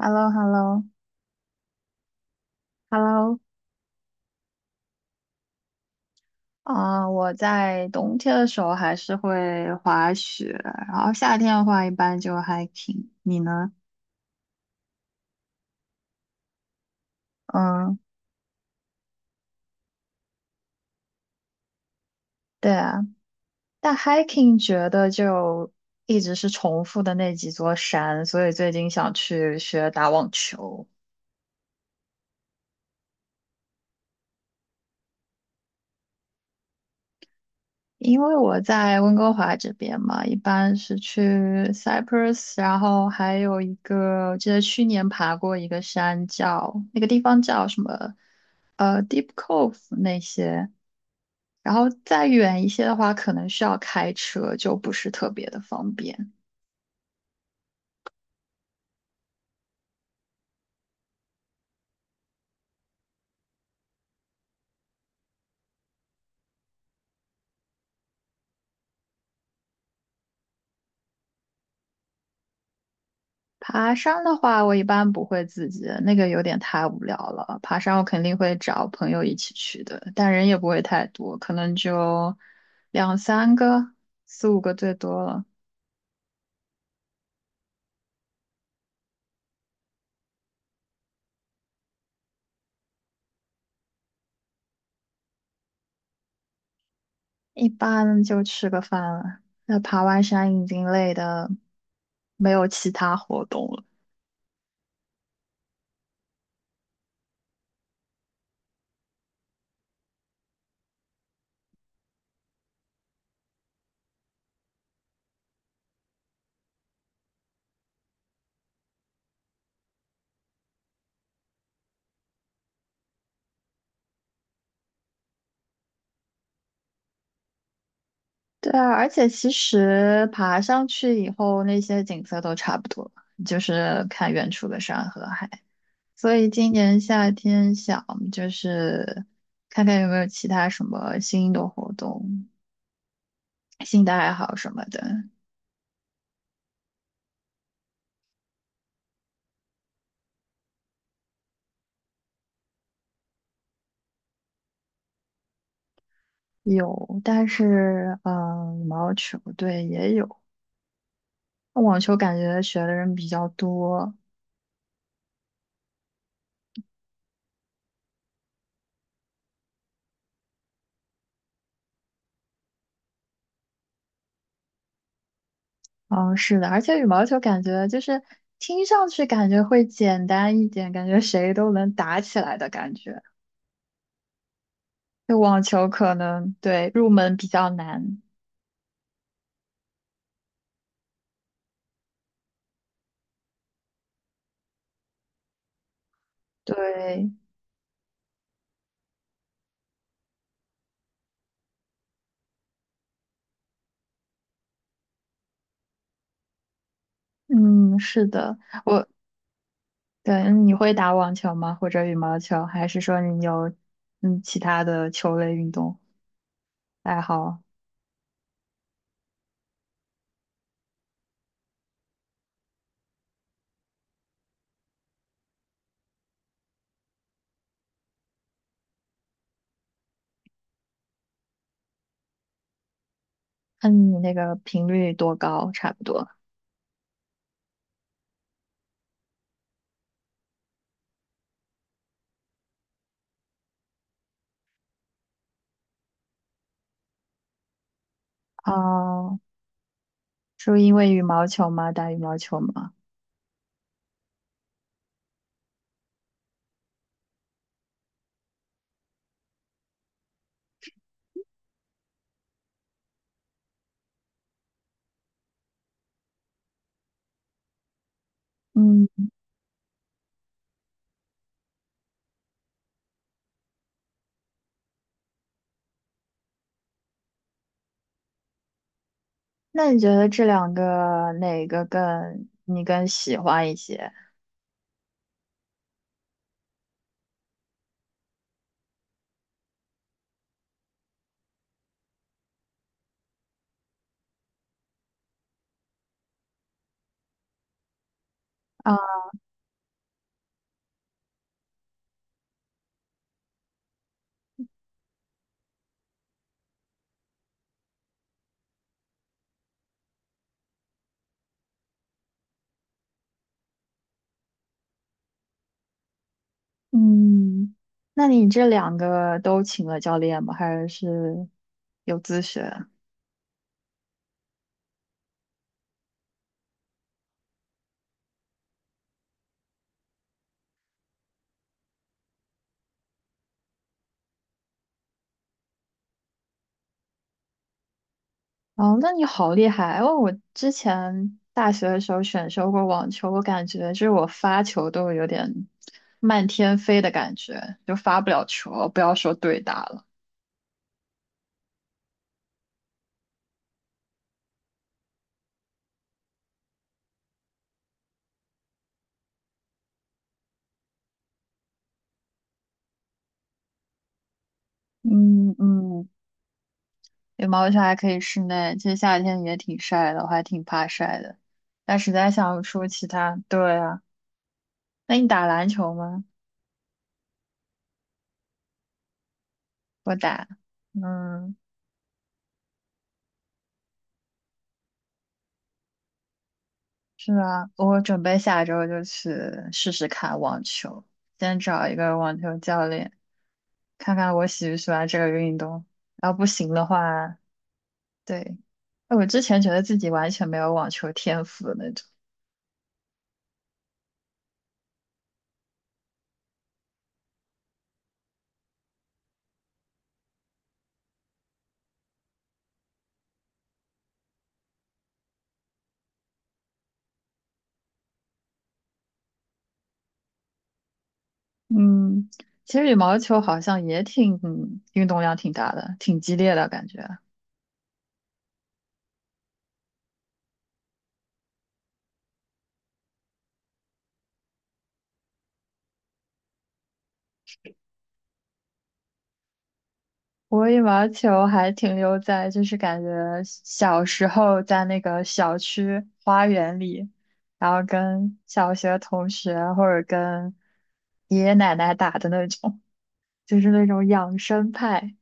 h e l l o h e l l o h e l l o 啊，我在冬天的时候还是会滑雪，然后夏天的话一般就 hiking。你呢？嗯，对啊，但 hiking 觉得就一直是重复的那几座山，所以最近想去学打网球。因为我在温哥华这边嘛，一般是去 Cyprus，然后还有一个，我记得去年爬过一个山叫，那个地方叫什么，Deep Cove 那些。然后再远一些的话，可能需要开车，就不是特别的方便。爬山的话，我一般不会自己，那个有点太无聊了。爬山我肯定会找朋友一起去的，但人也不会太多，可能就两三个、四五个最多了。一般就吃个饭了。那爬完山已经累的没有其他活动了。对啊，而且其实爬上去以后，那些景色都差不多，就是看远处的山和海。所以今年夏天想就是看看有没有其他什么新的活动、新的爱好什么的。有，但是羽毛球对也有，网球感觉学的人比较多，哦，是的，而且羽毛球感觉就是听上去感觉会简单一点，感觉谁都能打起来的感觉。就网球可能对入门比较难。对，嗯，是的，我对，你会打网球吗？或者羽毛球？还是说你有其他的球类运动爱好？那你那个频率多高，差不多。哦，是因为羽毛球吗？打羽毛球吗？嗯。那你觉得这两个哪个更你更喜欢一些啊？嗯，那你这两个都请了教练吗？还是有自学？哦，那你好厉害！哦！我之前大学的时候选修过网球，我感觉就是我发球都有点漫天飞的感觉，就发不了球，不要说对打了。嗯嗯，羽毛球还可以室内，其实夏天也挺晒的，我还挺怕晒的，但实在想不出其他。对啊，那你打篮球吗？我打，嗯，是啊，我准备下周就去试试看网球，先找一个网球教练，看看我喜不喜欢这个运动。然后不行的话，对，哎我之前觉得自己完全没有网球天赋的那种。嗯，其实羽毛球好像也挺，运动量挺大的，挺激烈的感觉。我羽毛球还停留在就是感觉小时候在那个小区花园里，然后跟小学同学或者跟爷爷奶奶打的那种，就是那种养生派。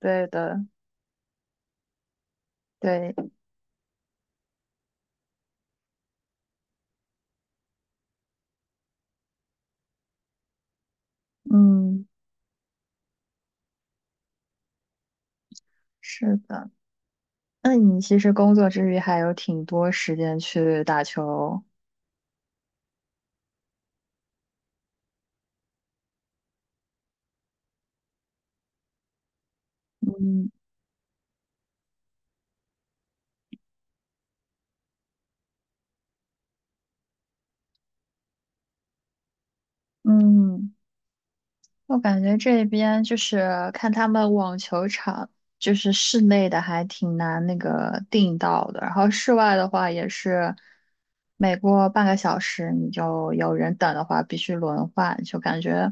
对的，对，嗯，是的。那你其实工作之余还有挺多时间去打球。嗯嗯。我感觉这边就是看他们网球场，就是室内的还挺难那个订到的，然后室外的话也是，每过半个小时你就有人等的话必须轮换，就感觉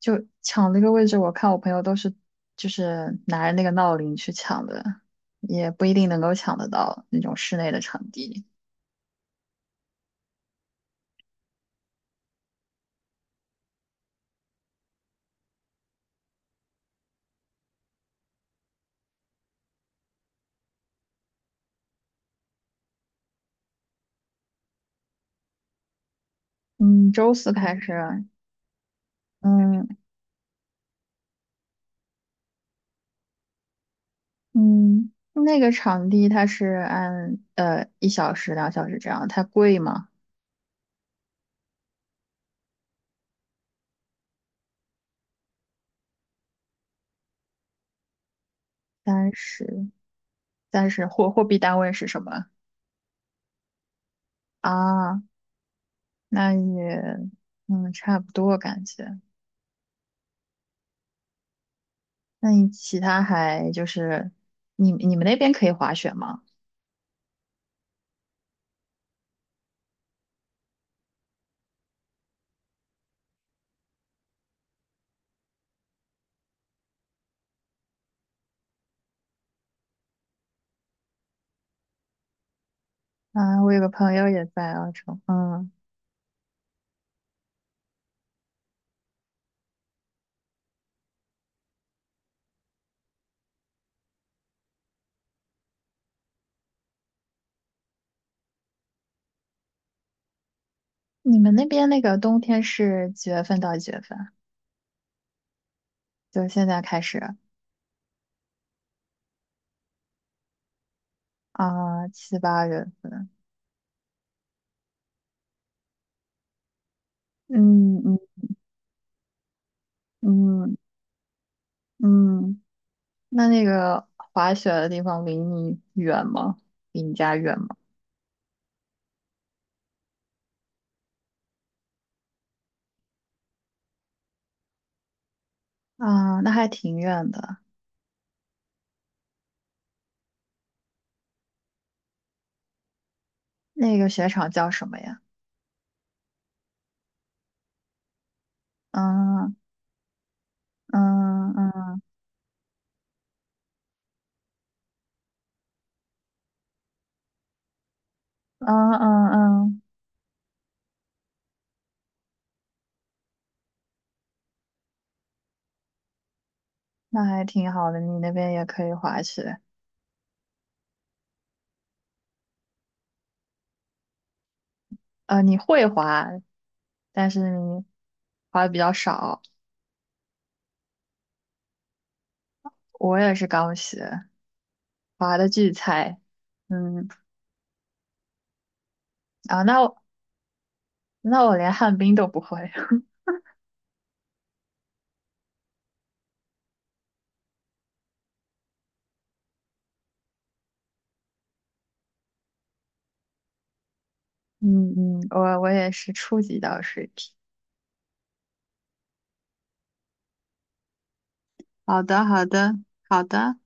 就抢那个位置，我看我朋友都是就是拿着那个闹铃去抢的，也不一定能够抢得到那种室内的场地。嗯，周四开始啊，嗯，嗯，那个场地它是按一小时、两小时这样，它贵吗？三十，三十货货币单位是什么啊？那也差不多感觉。那你其他还就是你你们那边可以滑雪吗？啊，我有个朋友也在澳洲，嗯，你们那边那个冬天是几月份到几月份啊？就现在开始啊，七八月份，嗯嗯嗯。嗯那那个滑雪的地方离你远吗？离你家远吗？啊，那还挺远的。那个雪场叫什么呀？嗯嗯嗯嗯嗯嗯，那还挺好的。你那边也可以滑雪，你会滑，但是你滑的比较少。我也是刚学，滑的巨菜。嗯那我那我连旱冰都不会。嗯嗯，我我也是初级到水平。好的，好的，好的。